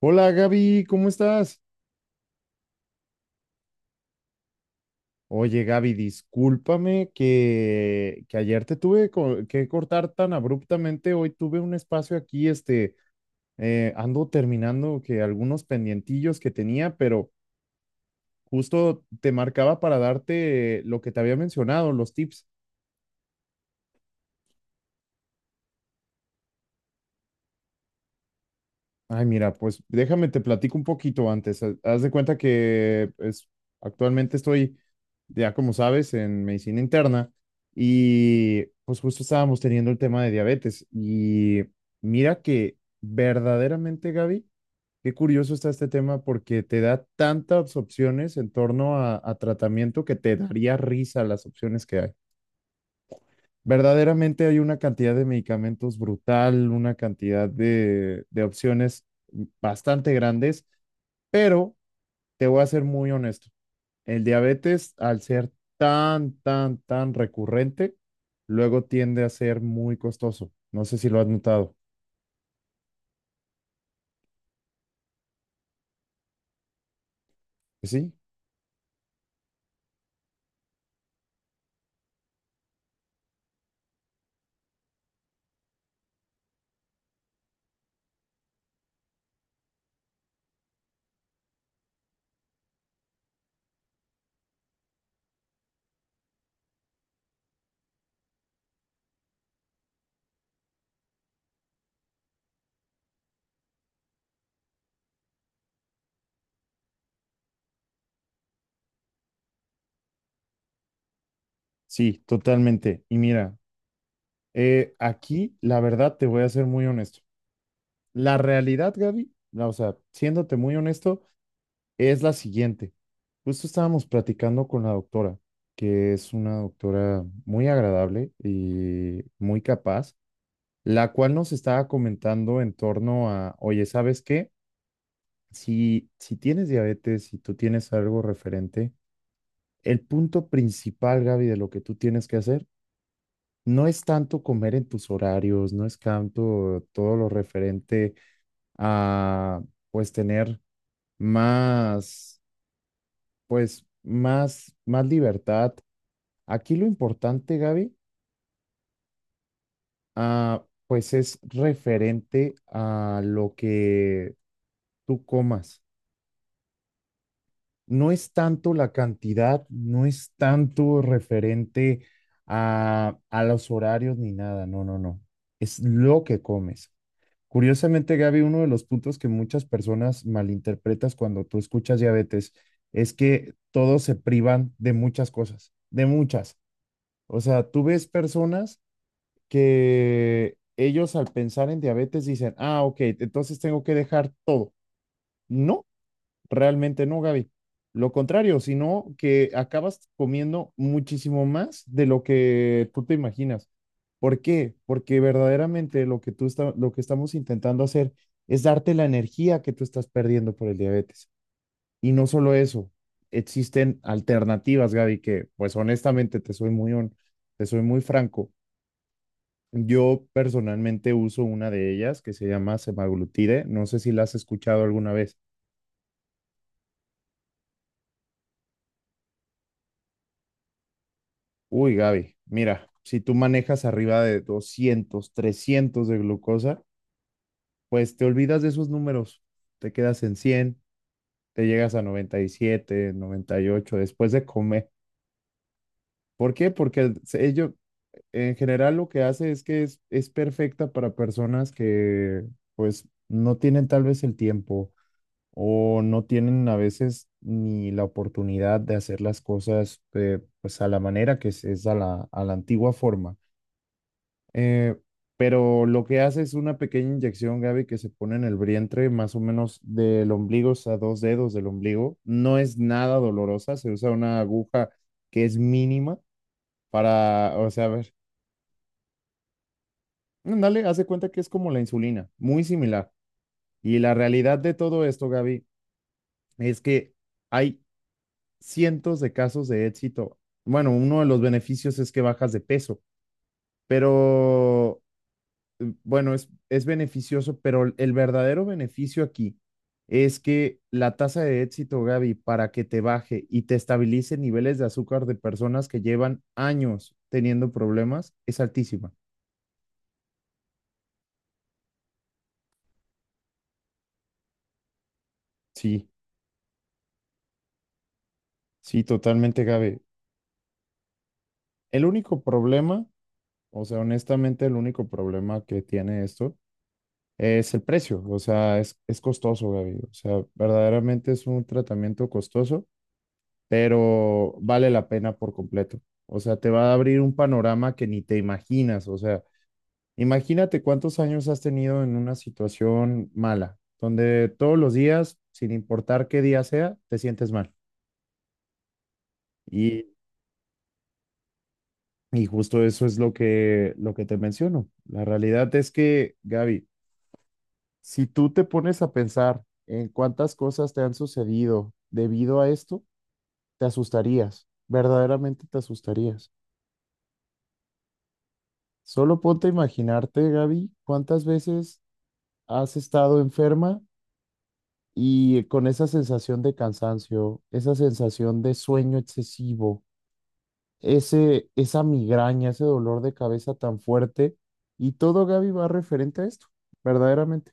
Hola Gaby, ¿cómo estás? Oye Gaby, discúlpame que ayer te tuve que cortar tan abruptamente. Hoy tuve un espacio aquí, ando terminando que algunos pendientillos que tenía, pero justo te marcaba para darte lo que te había mencionado, los tips. Ay, mira, pues déjame te platico un poquito antes. Haz de cuenta que pues, actualmente estoy, ya como sabes, en medicina interna y pues justo estábamos teniendo el tema de diabetes. Y mira que verdaderamente, Gaby, qué curioso está este tema porque te da tantas opciones en torno a tratamiento que te daría risa las opciones que hay. Verdaderamente hay una cantidad de medicamentos brutal, una cantidad de opciones bastante grandes, pero te voy a ser muy honesto. El diabetes, al ser tan, tan, tan recurrente, luego tiende a ser muy costoso. ¿No sé si lo has notado? Sí, sí, totalmente. Y mira, aquí la verdad te voy a ser muy honesto. La realidad, Gaby, o sea, siéndote muy honesto, es la siguiente. Justo estábamos platicando con la doctora, que es una doctora muy agradable y muy capaz, la cual nos estaba comentando en torno a, oye, ¿sabes qué? Si tienes diabetes, si tú tienes algo referente, el punto principal, Gaby, de lo que tú tienes que hacer no es tanto comer en tus horarios, no es tanto todo lo referente a, pues, tener más, pues, más libertad. Aquí lo importante, Gaby, pues es referente a lo que tú comas. No es tanto la cantidad, no es tanto referente a los horarios ni nada, no, no, no. Es lo que comes. Curiosamente, Gaby, uno de los puntos que muchas personas malinterpretas cuando tú escuchas diabetes es que todos se privan de muchas cosas, de muchas. O sea, tú ves personas que ellos al pensar en diabetes dicen: ah, ok, entonces tengo que dejar todo. No, realmente no, Gaby. Lo contrario, sino que acabas comiendo muchísimo más de lo que tú te imaginas. ¿Por qué? Porque verdaderamente lo que estamos intentando hacer es darte la energía que tú estás perdiendo por el diabetes. Y no solo eso, existen alternativas, Gaby, que pues honestamente te soy muy franco. Yo personalmente uso una de ellas que se llama semaglutide. No sé si la has escuchado alguna vez. Uy, Gaby, mira, si tú manejas arriba de 200, 300 de glucosa, pues te olvidas de esos números. Te quedas en 100, te llegas a noventa y siete, 98 después de comer. ¿Por qué? Porque ello en general lo que hace es que es perfecta para personas que pues no tienen tal vez el tiempo o no tienen a veces ni la oportunidad de hacer las cosas, pues a la manera que es a la antigua forma. Eh, pero lo que hace es una pequeña inyección, Gaby, que se pone en el vientre, más o menos del ombligo, o sea, dos dedos del ombligo. No es nada dolorosa, se usa una aguja que es mínima para, o sea, a ver, dale, hace cuenta que es como la insulina, muy similar. Y la realidad de todo esto, Gaby, es que hay cientos de casos de éxito. Bueno, uno de los beneficios es que bajas de peso, pero bueno, es beneficioso, pero el verdadero beneficio aquí es que la tasa de éxito, Gaby, para que te baje y te estabilice niveles de azúcar de personas que llevan años teniendo problemas, es altísima. Sí, sí, totalmente, Gaby. El único problema, o sea, honestamente, el único problema que tiene esto es el precio, o sea, es costoso, Gaby, o sea, verdaderamente es un tratamiento costoso, pero vale la pena por completo, o sea, te va a abrir un panorama que ni te imaginas, o sea, imagínate cuántos años has tenido en una situación mala, donde todos los días, sin importar qué día sea, te sientes mal. Y, y justo eso es lo que te menciono. La realidad es que, Gaby, si tú te pones a pensar en cuántas cosas te han sucedido debido a esto, te asustarías, verdaderamente te asustarías. Solo ponte a imaginarte, Gaby, cuántas veces has estado enferma y con esa sensación de cansancio, esa sensación de sueño excesivo, ese, esa migraña, ese dolor de cabeza tan fuerte, y todo, Gaby, va referente a esto, verdaderamente.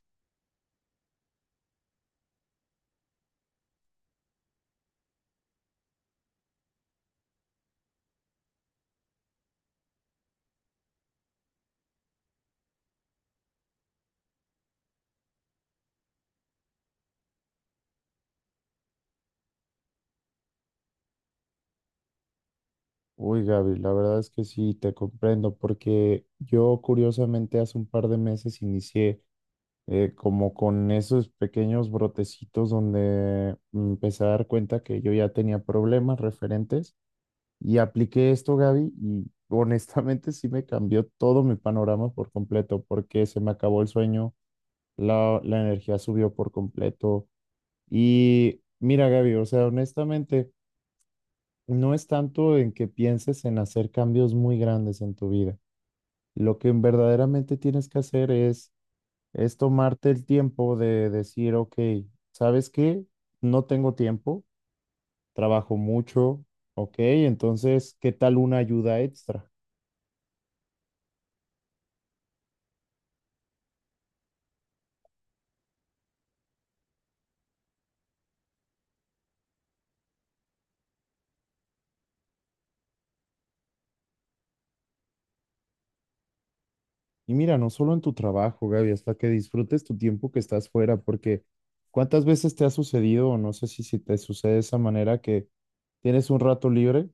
Uy, Gaby, la verdad es que sí, te comprendo, porque yo curiosamente hace un par de meses inicié como con esos pequeños brotecitos donde me empecé a dar cuenta que yo ya tenía problemas referentes, y apliqué esto, Gaby, y honestamente sí me cambió todo mi panorama por completo, porque se me acabó el sueño, la energía subió por completo. Y mira, Gaby, o sea, honestamente. No es tanto en que pienses en hacer cambios muy grandes en tu vida. Lo que verdaderamente tienes que hacer es tomarte el tiempo de decir: ok, ¿sabes qué? No tengo tiempo, trabajo mucho, ok, entonces, ¿qué tal una ayuda extra? Y mira, no solo en tu trabajo, Gaby, hasta que disfrutes tu tiempo que estás fuera, porque ¿cuántas veces te ha sucedido, o no sé si te sucede de esa manera, que tienes un rato libre?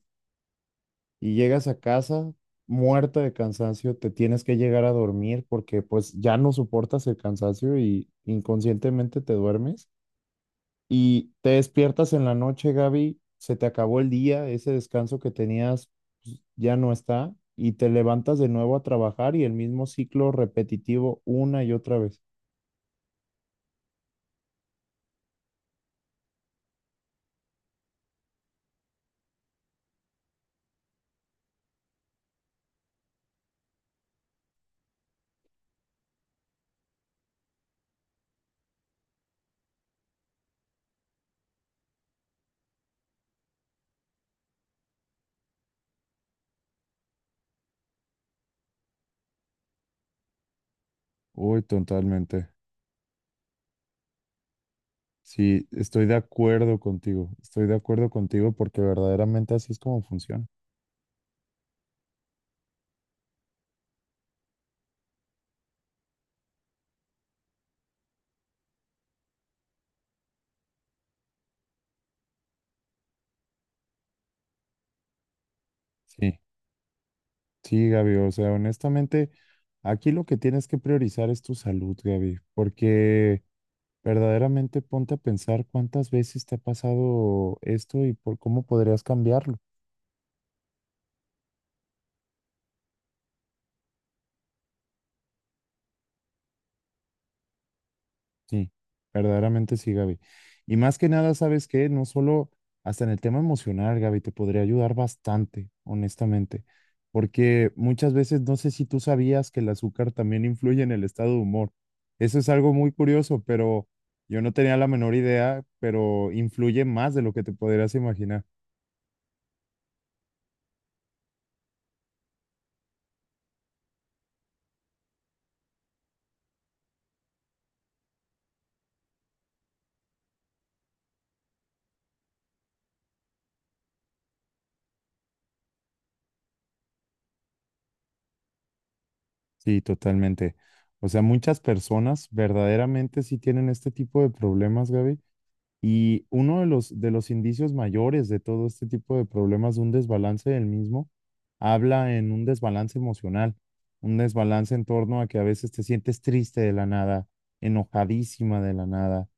Y llegas a casa muerta de cansancio, te tienes que llegar a dormir porque pues ya no soportas el cansancio y inconscientemente te duermes y te despiertas en la noche, Gaby, se te acabó el día, ese descanso que tenías pues ya no está, y te levantas de nuevo a trabajar y el mismo ciclo repetitivo una y otra vez. Uy, totalmente. Sí, estoy de acuerdo contigo. Estoy de acuerdo contigo porque verdaderamente así es como funciona. Sí. Sí, Gaby, o sea, honestamente, aquí lo que tienes que priorizar es tu salud, Gaby, porque verdaderamente ponte a pensar cuántas veces te ha pasado esto y por cómo podrías cambiarlo. Sí, verdaderamente sí, Gaby. Y más que nada, ¿sabes qué? No solo hasta en el tema emocional, Gaby, te podría ayudar bastante, honestamente, porque muchas veces no sé si tú sabías que el azúcar también influye en el estado de humor. Eso es algo muy curioso, pero yo no tenía la menor idea, pero influye más de lo que te podrías imaginar. Sí, totalmente. O sea, muchas personas verdaderamente sí tienen este tipo de problemas, Gaby. Y uno de los indicios mayores de todo este tipo de problemas, de un desbalance del mismo, habla en un desbalance emocional, un desbalance en torno a que a veces te sientes triste de la nada, enojadísima de la nada,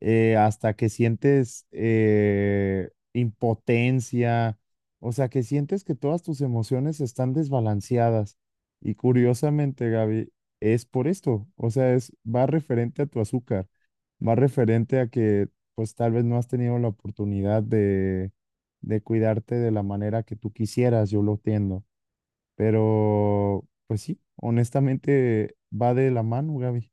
hasta que sientes impotencia, o sea, que sientes que todas tus emociones están desbalanceadas. Y curiosamente, Gaby, es por esto, o sea, va referente a tu azúcar, va referente a que pues tal vez no has tenido la oportunidad de cuidarte de la manera que tú quisieras, yo lo entiendo, pero pues sí, honestamente va de la mano, Gaby.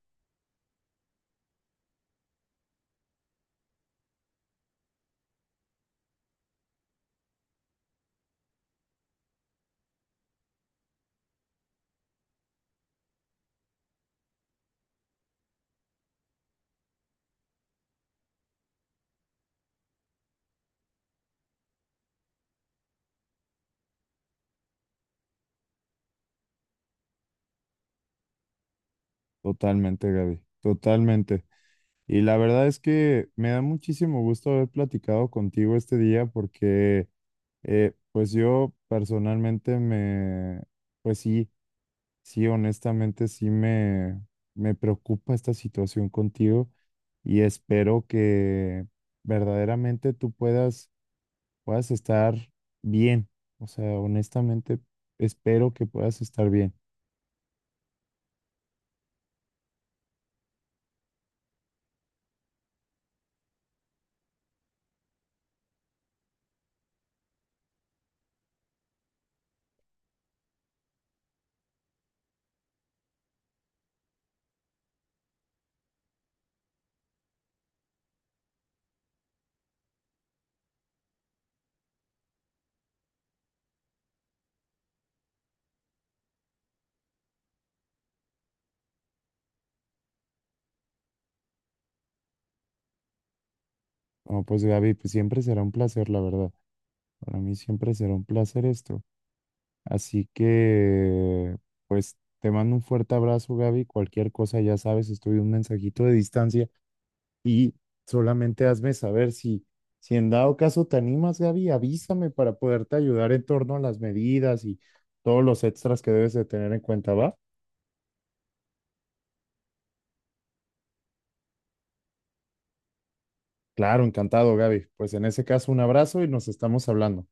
Totalmente, Gaby, totalmente. Y la verdad es que me da muchísimo gusto haber platicado contigo este día porque, pues yo personalmente me, pues sí, sí, honestamente sí me preocupa esta situación contigo y espero que verdaderamente tú puedas, estar bien. O sea, honestamente espero que puedas estar bien. No, pues Gaby, pues siempre será un placer, la verdad. Para mí siempre será un placer esto. Así que, pues, te mando un fuerte abrazo, Gaby. Cualquier cosa, ya sabes, estoy un mensajito de distancia, y solamente hazme saber si, en dado caso te animas, Gaby, avísame para poderte ayudar en torno a las medidas y todos los extras que debes de tener en cuenta, ¿va? Claro, encantado, Gaby. Pues en ese caso, un abrazo y nos estamos hablando.